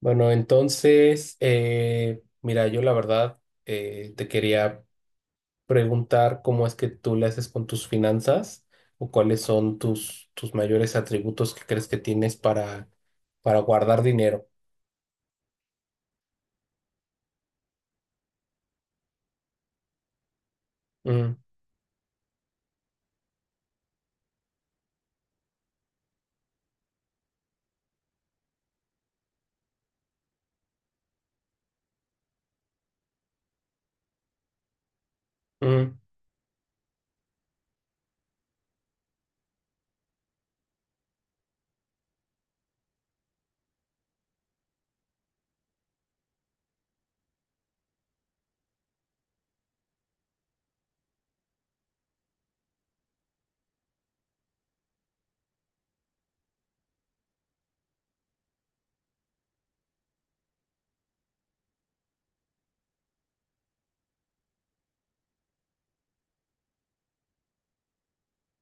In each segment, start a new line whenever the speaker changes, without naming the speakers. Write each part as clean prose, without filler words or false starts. Bueno, entonces, Mira, yo la verdad te quería preguntar cómo es que tú le haces con tus finanzas o cuáles son tus mayores atributos que crees que tienes para guardar dinero. Mm, mm,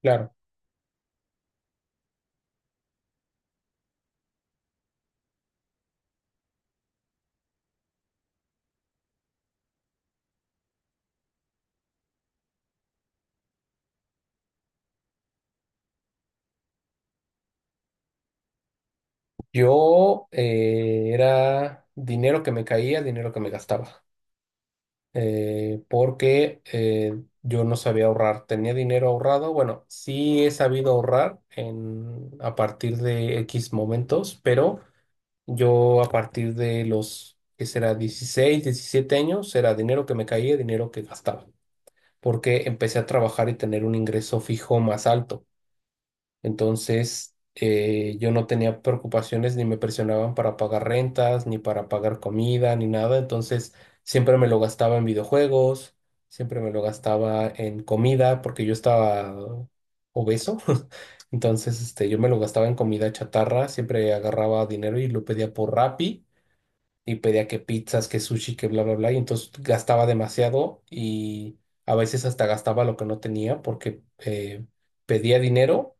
claro, yo era dinero que me caía, dinero que me gastaba. Porque yo no sabía ahorrar. Tenía dinero ahorrado. Bueno, sí he sabido ahorrar a partir de X momentos, pero yo a partir que será 16, 17 años, era dinero que me caía, dinero que gastaba, porque empecé a trabajar y tener un ingreso fijo más alto. Entonces, yo no tenía preocupaciones ni me presionaban para pagar rentas, ni para pagar comida, ni nada. Entonces, siempre me lo gastaba en videojuegos, siempre me lo gastaba en comida, porque yo estaba obeso. Entonces, este, yo me lo gastaba en comida chatarra, siempre agarraba dinero y lo pedía por Rappi y pedía que pizzas, que sushi, que bla, bla, bla. Y entonces gastaba demasiado y a veces hasta gastaba lo que no tenía porque pedía dinero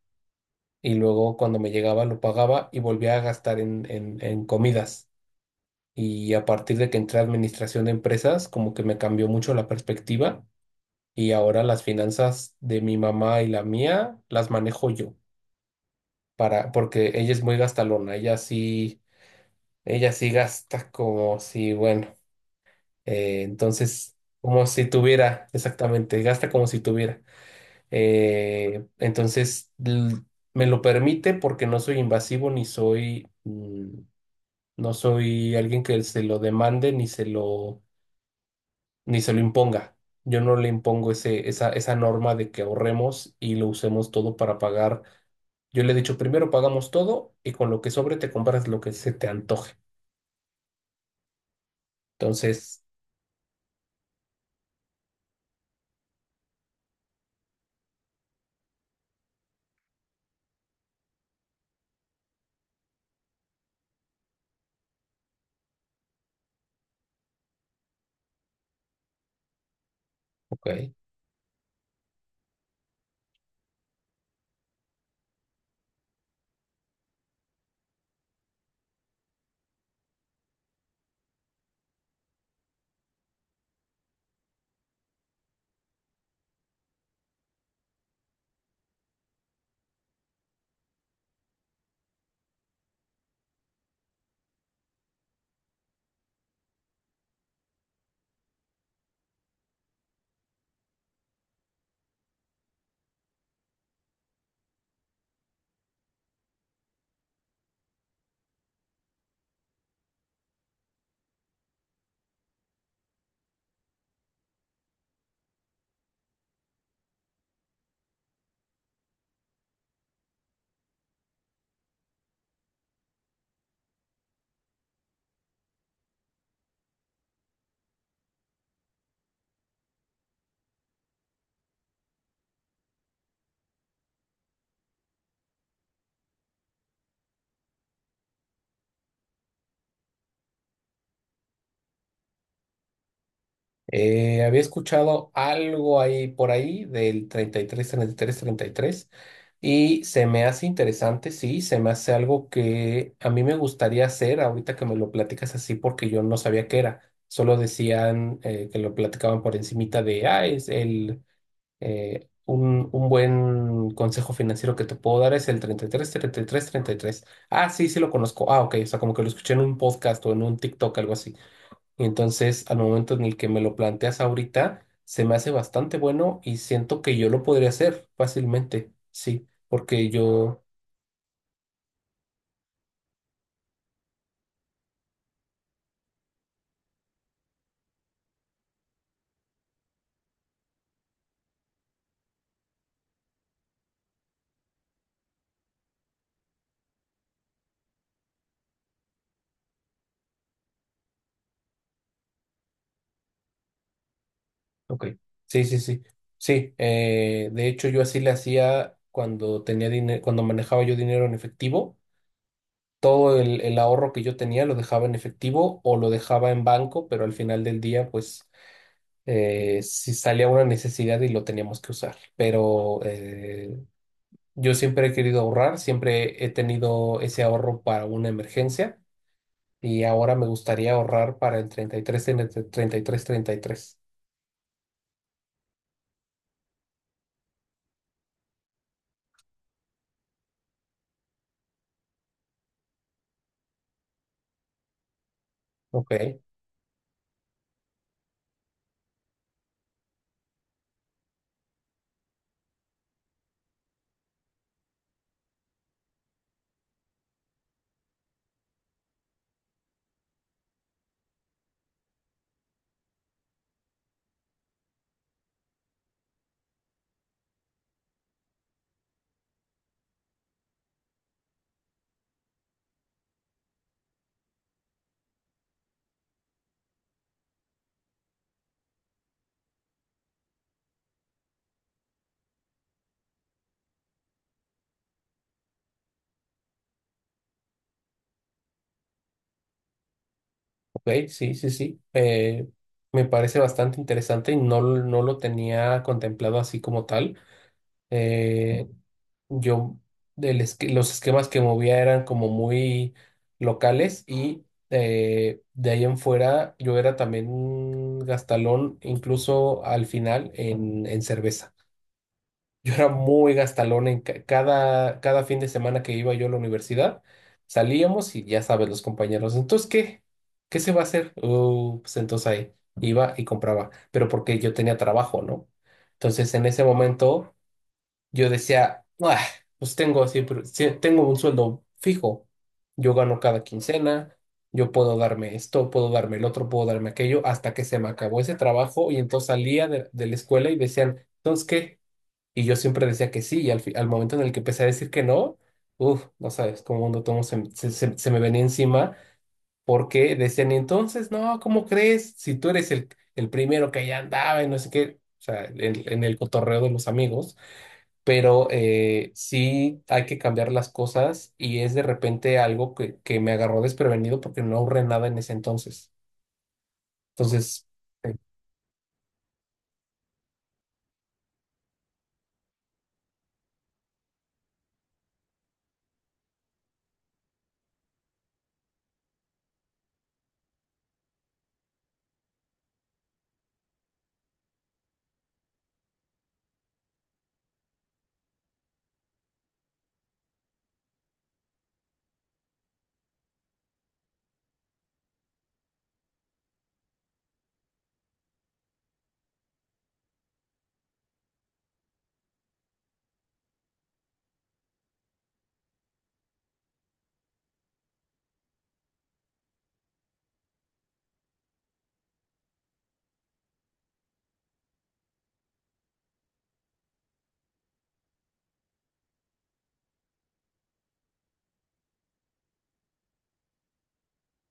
y luego cuando me llegaba lo pagaba y volvía a gastar en comidas. Y a partir de que entré a administración de empresas, como que me cambió mucho la perspectiva y ahora las finanzas de mi mamá y la mía las manejo yo para, porque ella es muy gastalona, ella sí gasta como si, bueno, entonces, como si tuviera, exactamente, gasta como si tuviera. Entonces, me lo permite porque no soy invasivo ni soy. No soy alguien que se lo demande ni se lo, ni se lo imponga. Yo no le impongo ese, esa norma de que ahorremos y lo usemos todo para pagar. Yo le he dicho, primero pagamos todo y con lo que sobre te compras lo que se te antoje. Entonces, ok. Había escuchado algo ahí por ahí del 33, tres treinta y tres treinta y tres, y se me hace interesante, sí, se me hace algo que a mí me gustaría hacer ahorita que me lo platicas así, porque yo no sabía qué era. Solo decían, que lo platicaban por encimita de, ah, es el, un buen consejo financiero que te puedo dar es el treinta y tres treinta y tres treinta y tres. Ah, sí, sí lo conozco. Ah, ok, o sea, como que lo escuché en un podcast o en un TikTok, algo así. Entonces, al momento en el que me lo planteas ahorita, se me hace bastante bueno y siento que yo lo podría hacer fácilmente, sí, porque yo, ok, sí, sí, sí, sí, de hecho yo así le hacía cuando tenía dinero, cuando manejaba yo dinero en efectivo, todo el ahorro que yo tenía lo dejaba en efectivo o lo dejaba en banco, pero al final del día, pues, si salía una necesidad y lo teníamos que usar. Pero yo siempre he querido ahorrar, siempre he tenido ese ahorro para una emergencia y ahora me gustaría ahorrar para el 33 33, 33. Ok, ok, sí, sí, sí. Me parece bastante interesante y no, no lo tenía contemplado así como tal. Eh, yo, del los esquemas que movía eran como muy locales, y de ahí en fuera yo era también un gastalón, incluso al final en cerveza. Yo era muy gastalón en cada fin de semana que iba yo a la universidad. Salíamos y ya sabes, los compañeros, entonces, ¿qué? ¿Qué se va a hacer? "Oh, pues entonces ahí iba y compraba", pero porque yo tenía trabajo, ¿no? Entonces, en ese momento, yo decía, "Ah, pues tengo siempre, sí, tengo un sueldo fijo, yo gano cada quincena, yo puedo darme esto, puedo darme el otro, puedo darme aquello", hasta que se me acabó ese trabajo y entonces salía de la escuela y decían, entonces, ¿qué? Y yo siempre decía que sí, y al, al momento en el que empecé a decir que no, uff, no sabes cómo un tomo se me venía encima, porque decían, "Y entonces, no, ¿cómo crees? Si tú eres el primero que allá andaba", y no sé qué, o sea, en el cotorreo de los amigos. Pero sí hay que cambiar las cosas, y es de repente algo que, me agarró desprevenido porque no ahorré nada en ese entonces. Entonces.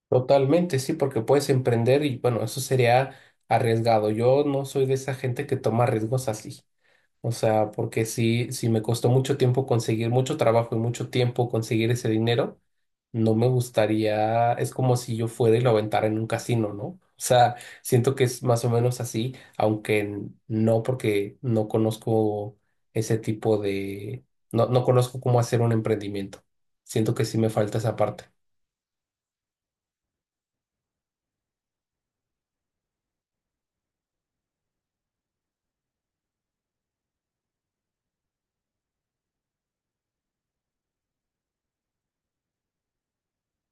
Totalmente, sí, porque puedes emprender y bueno, eso sería arriesgado. Yo no soy de esa gente que toma riesgos así. O sea, porque sí, sí me costó mucho tiempo conseguir mucho trabajo y mucho tiempo conseguir ese dinero, no me gustaría, es como si yo fuera y lo aventara en un casino, ¿no? O sea, siento que es más o menos así, aunque no, porque no conozco ese tipo de, no, no conozco cómo hacer un emprendimiento. Siento que sí me falta esa parte,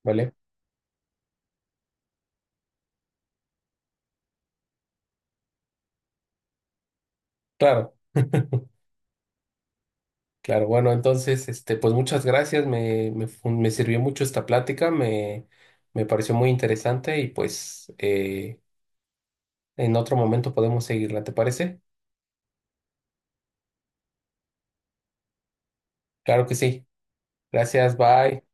¿vale? Claro. Claro, bueno, entonces, este, pues muchas gracias, me sirvió mucho esta plática, me pareció muy interesante, y pues en otro momento podemos seguirla, ¿te parece? Claro que sí. Gracias, bye.